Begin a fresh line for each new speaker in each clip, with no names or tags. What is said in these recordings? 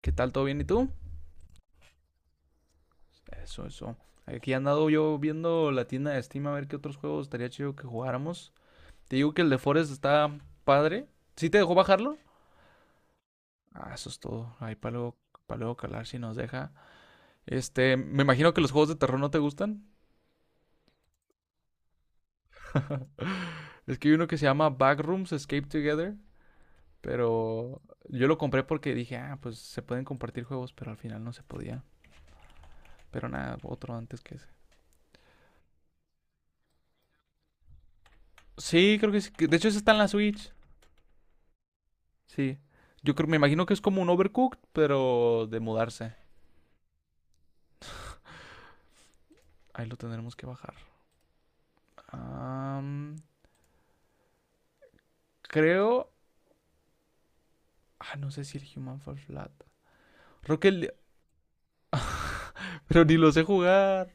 ¿Qué tal? ¿Todo bien? ¿Y tú? Eso, eso. Aquí he andado yo viendo la tienda de Steam a ver qué otros juegos estaría chido que jugáramos. Te digo que el de Forest está padre. ¿Sí te dejó bajarlo? Ah, eso es todo. Ahí para luego calar si nos deja. Me imagino que los juegos de terror no te gustan. Es que hay uno que se llama Backrooms Escape Together, pero yo lo compré porque dije, ah, pues se pueden compartir juegos, pero al final no se podía. Pero nada, otro antes que ese. Sí, creo que sí. De hecho, ese está en la Switch. Sí. Yo creo, me imagino que es como un Overcooked, pero de mudarse. Ahí lo tendremos que bajar. Am, Creo. Ah, no sé si el Human Fall Flat. Creo que el- Pero ni lo sé jugar.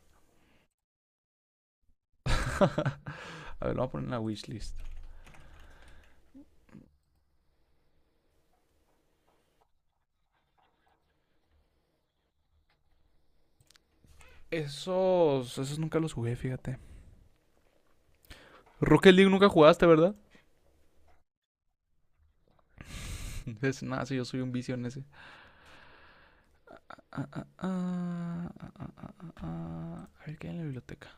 A ver, lo voy a poner en la wishlist. Esos. Esos nunca los jugué, fíjate. Rocket League nunca jugaste, ¿verdad? Es nada, sí, yo soy un vicio en ese. Ah. A ver, ¿qué hay en la biblioteca?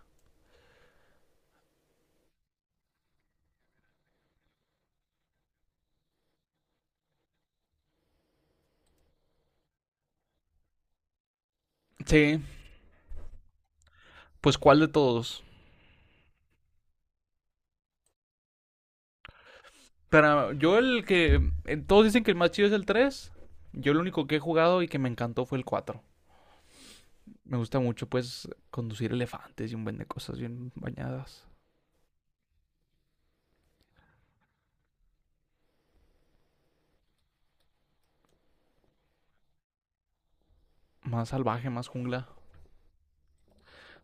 Sí. Pues, ¿cuál de todos? Para yo el que todos dicen que el más chido es el tres. Yo el único que he jugado y que me encantó fue el cuatro. Me gusta mucho pues conducir elefantes y un buen de cosas bien bañadas, más salvaje, más jungla.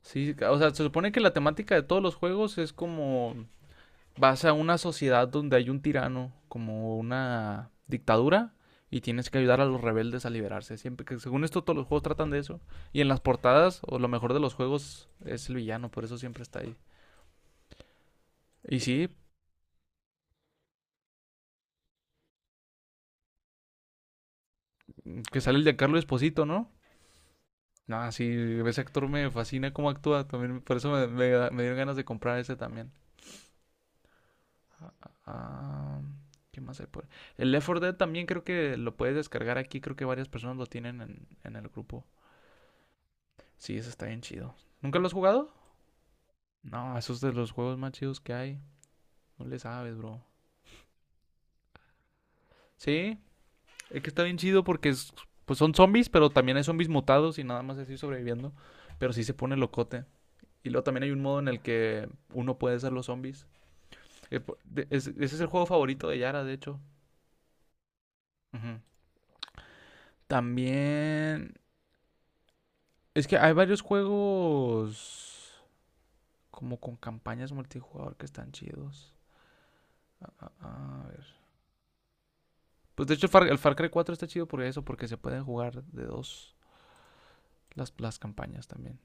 Sí, o sea, se supone que la temática de todos los juegos es como vas a una sociedad donde hay un tirano, como una dictadura y tienes que ayudar a los rebeldes a liberarse. Siempre que según esto todos los juegos tratan de eso y en las portadas o lo mejor de los juegos es el villano, por eso siempre está ahí. Y sí, que sale el de Carlos Esposito, ¿no? No, sí, ese actor me fascina cómo actúa también. Por eso me dieron ganas de comprar ese también. Ah, ah, ¿Qué más hay por ahí? El Left 4 Dead también creo que lo puedes descargar aquí. Creo que varias personas lo tienen en el grupo. Sí, ese está bien chido. ¿Nunca lo has jugado? No, esos es de los juegos más chidos que hay. No le sabes, bro. Sí, es que está bien chido porque pues son zombies, pero también hay zombies mutados y nada más así sobreviviendo. Pero sí se pone locote. Y luego también hay un modo en el que uno puede ser los zombies. Eh, Ese es el juego favorito de Yara, de hecho. Ujú. También... Es que hay varios juegos como con campañas multijugador que están chidos. A ver. Pues de hecho el Far Cry 4 está chido por eso, porque se pueden jugar de dos las campañas también.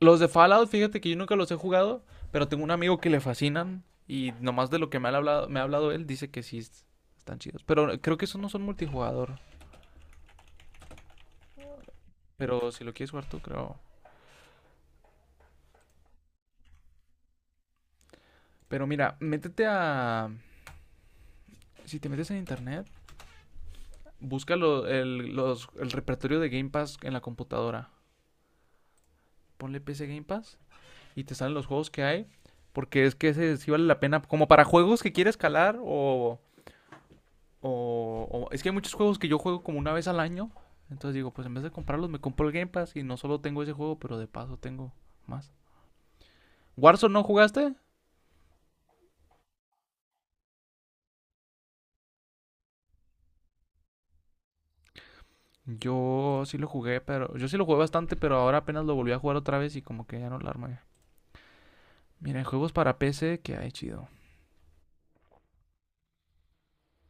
Los de Fallout, fíjate que yo nunca los he jugado, pero tengo un amigo que le fascinan y nomás de lo que me ha hablado él, dice que sí están chidos. Pero creo que esos no son multijugador. Pero si lo quieres jugar tú, creo. Pero mira, métete a. Si te metes en internet, busca el repertorio de Game Pass en la computadora. Ponle PC Game Pass y te salen los juegos que hay. Porque es que ese sí vale la pena. Como para juegos que quieres calar. Es que hay muchos juegos que yo juego como una vez al año. Entonces digo, pues en vez de comprarlos, me compro el Game Pass y no solo tengo ese juego, pero de paso tengo más. ¿Warzone no jugaste? Yo sí lo jugué, pero yo sí lo jugué bastante, pero ahora apenas lo volví a jugar otra vez y como que ya no lo armé. Miren, juegos para PC que hay chido.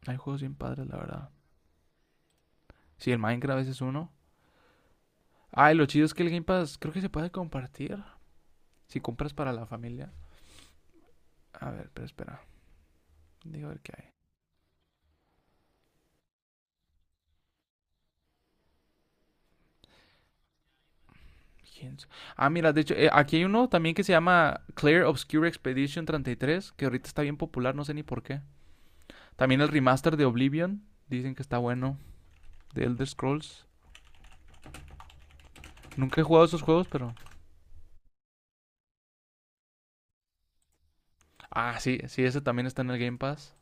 Hay juegos bien padres, la verdad. Sí, el Minecraft ese es uno. Ah, y lo chido es que el Game Pass creo que se puede compartir si compras para la familia. A ver, pero espera. Digo a ver qué hay. Ah, mira, de hecho, aquí hay uno también que se llama Clear Obscure Expedition 33 que ahorita está bien popular, no sé ni por qué. También el remaster de Oblivion, dicen que está bueno, de Elder Scrolls. Nunca he jugado esos juegos, pero... Ah, sí, sí, ese también está en el Game Pass.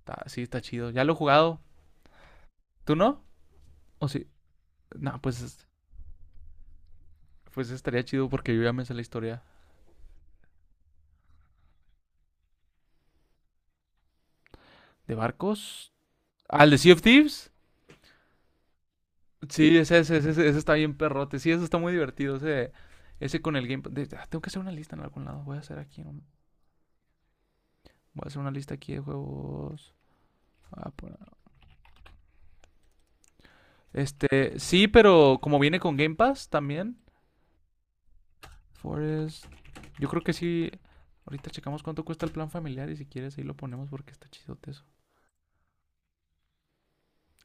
Sí, está chido. Ya lo he jugado. ¿Tú no? ¿O sí? No, pues, pues estaría chido porque yo ya me sé la historia. ¿De barcos? ¿Al de Sea of Thieves? Sí, ese está bien perrote. Sí, eso está muy divertido. Ese con el Game Pass. Ah, tengo que hacer una lista en algún lado. Voy a hacer aquí. Voy a hacer una lista aquí de juegos. Ah, por- sí, pero como viene con Game Pass también, Forest. Yo creo que sí. Ahorita checamos cuánto cuesta el plan familiar y si quieres ahí lo ponemos porque está chidote eso.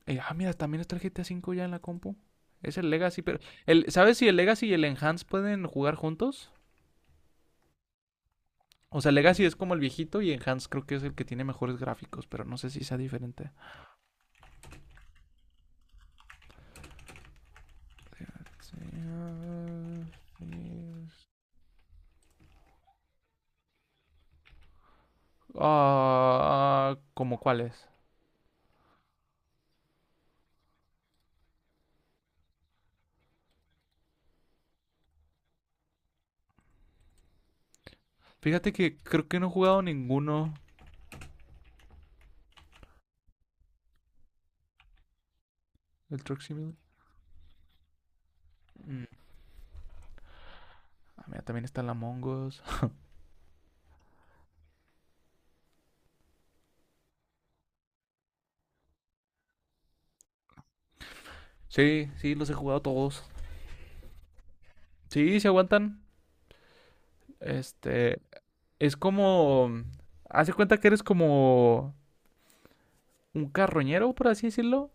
Mira, también está el GTA cinco ya en la compu. Es el Legacy, pero... ¿Sabes si el Legacy y el Enhance pueden jugar juntos? O sea, Legacy es como el viejito y Enhance creo que es el que tiene mejores gráficos, pero no sé si sea diferente. Sí, ¿Como cuáles? Fíjate que creo que no he jugado ninguno del Truck Simulator. Mm. Ah, mira, también está la Mongos. Sí, sí, los he jugado todos. Sí, se aguantan. Este, es como, hace cuenta que eres como un carroñero, por así decirlo,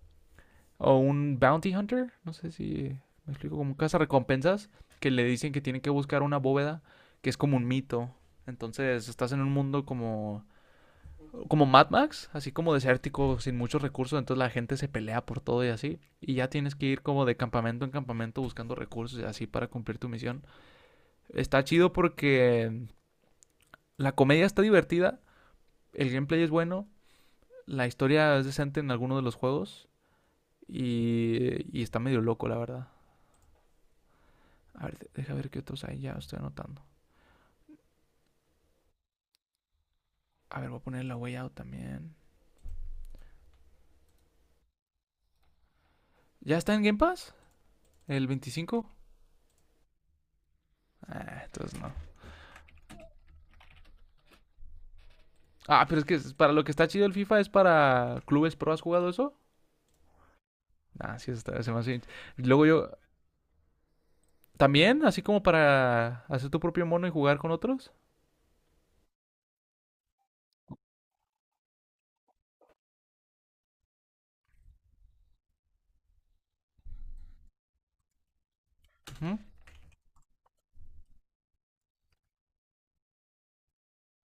o un bounty hunter, no sé si me explico, como un cazarrecompensas, que le dicen que tiene que buscar una bóveda, que es como un mito. Entonces, estás en un mundo como Mad Max, así como desértico, sin muchos recursos, entonces la gente se pelea por todo y así, y ya tienes que ir como de campamento en campamento buscando recursos y así para cumplir tu misión. Está chido porque la comedia está divertida, el gameplay es bueno, la historia es decente en alguno de los juegos y está medio loco, la verdad. A ver, deja ver qué otros hay, ya estoy anotando. A ver, voy a poner la Way Out también. ¿Ya está en Game Pass? ¿El 25? Ah, entonces no. Ah, pero es que para lo que está chido el FIFA es para clubes pro. ¿Has jugado eso? Ah, sí, eso está, se me hace... Luego yo... ¿También? ¿Así como para hacer tu propio mono y jugar con otros? ¿Mm?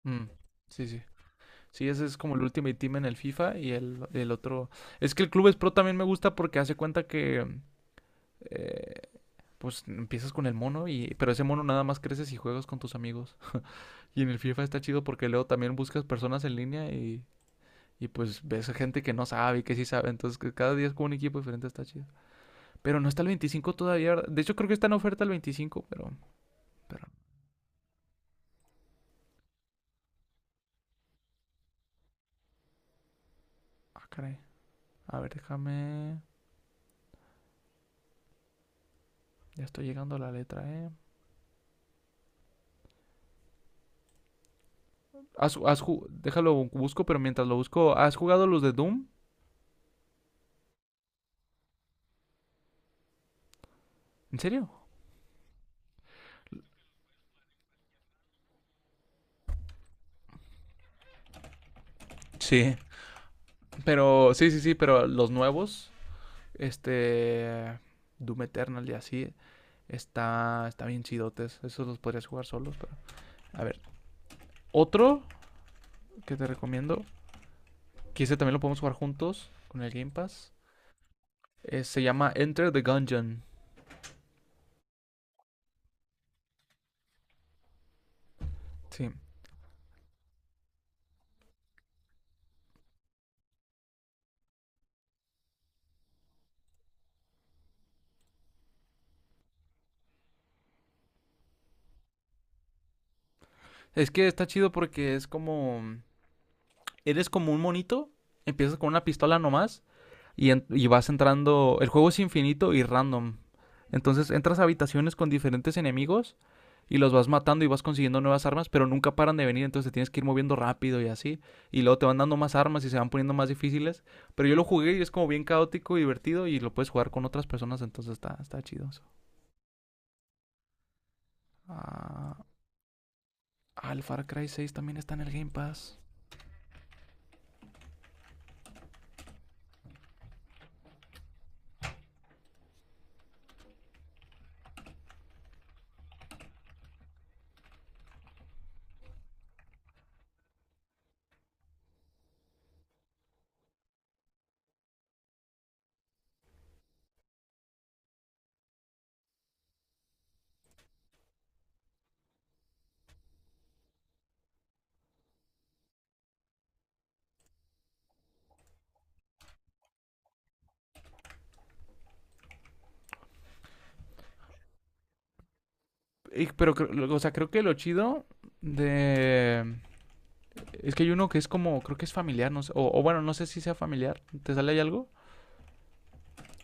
Mm, sí, sí. Sí, ese es como el Ultimate Team en el FIFA y el otro... Es que el Clubes Pro también me gusta porque hace cuenta que... eh, pues empiezas con el mono y... Pero ese mono nada más creces y juegas con tus amigos. Y en el FIFA está chido porque luego también buscas personas en línea y... Y pues ves a gente que no sabe y que sí sabe. Entonces que cada día es como un equipo diferente, está chido. Pero no está el 25 todavía. ¿Verdad? De hecho creo que está en oferta el 25 pero... Pero... Ah, caray. A ver, déjame... Ya estoy llegando a la letra, ¿eh? Has, has Déjalo, busco, pero mientras lo busco, ¿has jugado los de Doom? ¿En serio? Sí. Pero, sí, sí, sí, pero los nuevos, este, Doom Eternal y así, está bien chidotes. Esos los podrías jugar solos, pero... A ver, otro que te recomiendo, que ese también lo podemos jugar juntos con el Game Pass, se llama Enter the Gungeon. Sí. Es que está chido porque es como... Eres como un monito, empiezas con una pistola nomás y vas entrando, el juego es infinito y random. Entonces entras a habitaciones con diferentes enemigos y los vas matando y vas consiguiendo nuevas armas, pero nunca paran de venir, entonces te tienes que ir moviendo rápido y así. Y luego te van dando más armas y se van poniendo más difíciles. Pero yo lo jugué y es como bien caótico y divertido y lo puedes jugar con otras personas, entonces está chido eso. Ah, el Far Cry 6 también está en el Game Pass. Pero, o sea, creo que lo chido de... Es que hay uno que es como, creo que es familiar, no sé, o bueno, no sé si sea familiar. ¿Te sale ahí algo?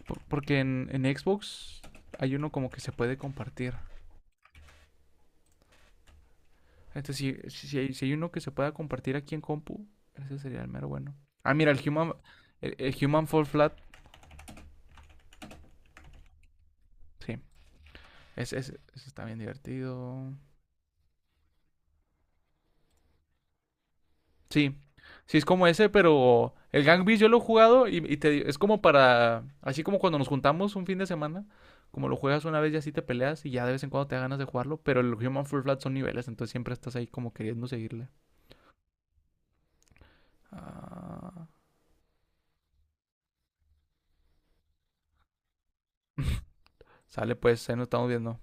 Porque en Xbox hay uno como que se puede compartir. Entonces, si hay uno que se pueda compartir aquí en compu, ese sería el mero bueno. Ah, mira, el Human Fall Flat, sí, ese está bien divertido. Sí, sí es como ese, pero el Gang Beasts yo lo he jugado y te es como para, así como cuando nos juntamos un fin de semana, como lo juegas una vez y así te peleas y ya de vez en cuando te da ganas de jugarlo, pero el Human Full Flat son niveles, entonces siempre estás ahí como queriendo seguirle. Ah, sale pues, ahí nos estamos viendo.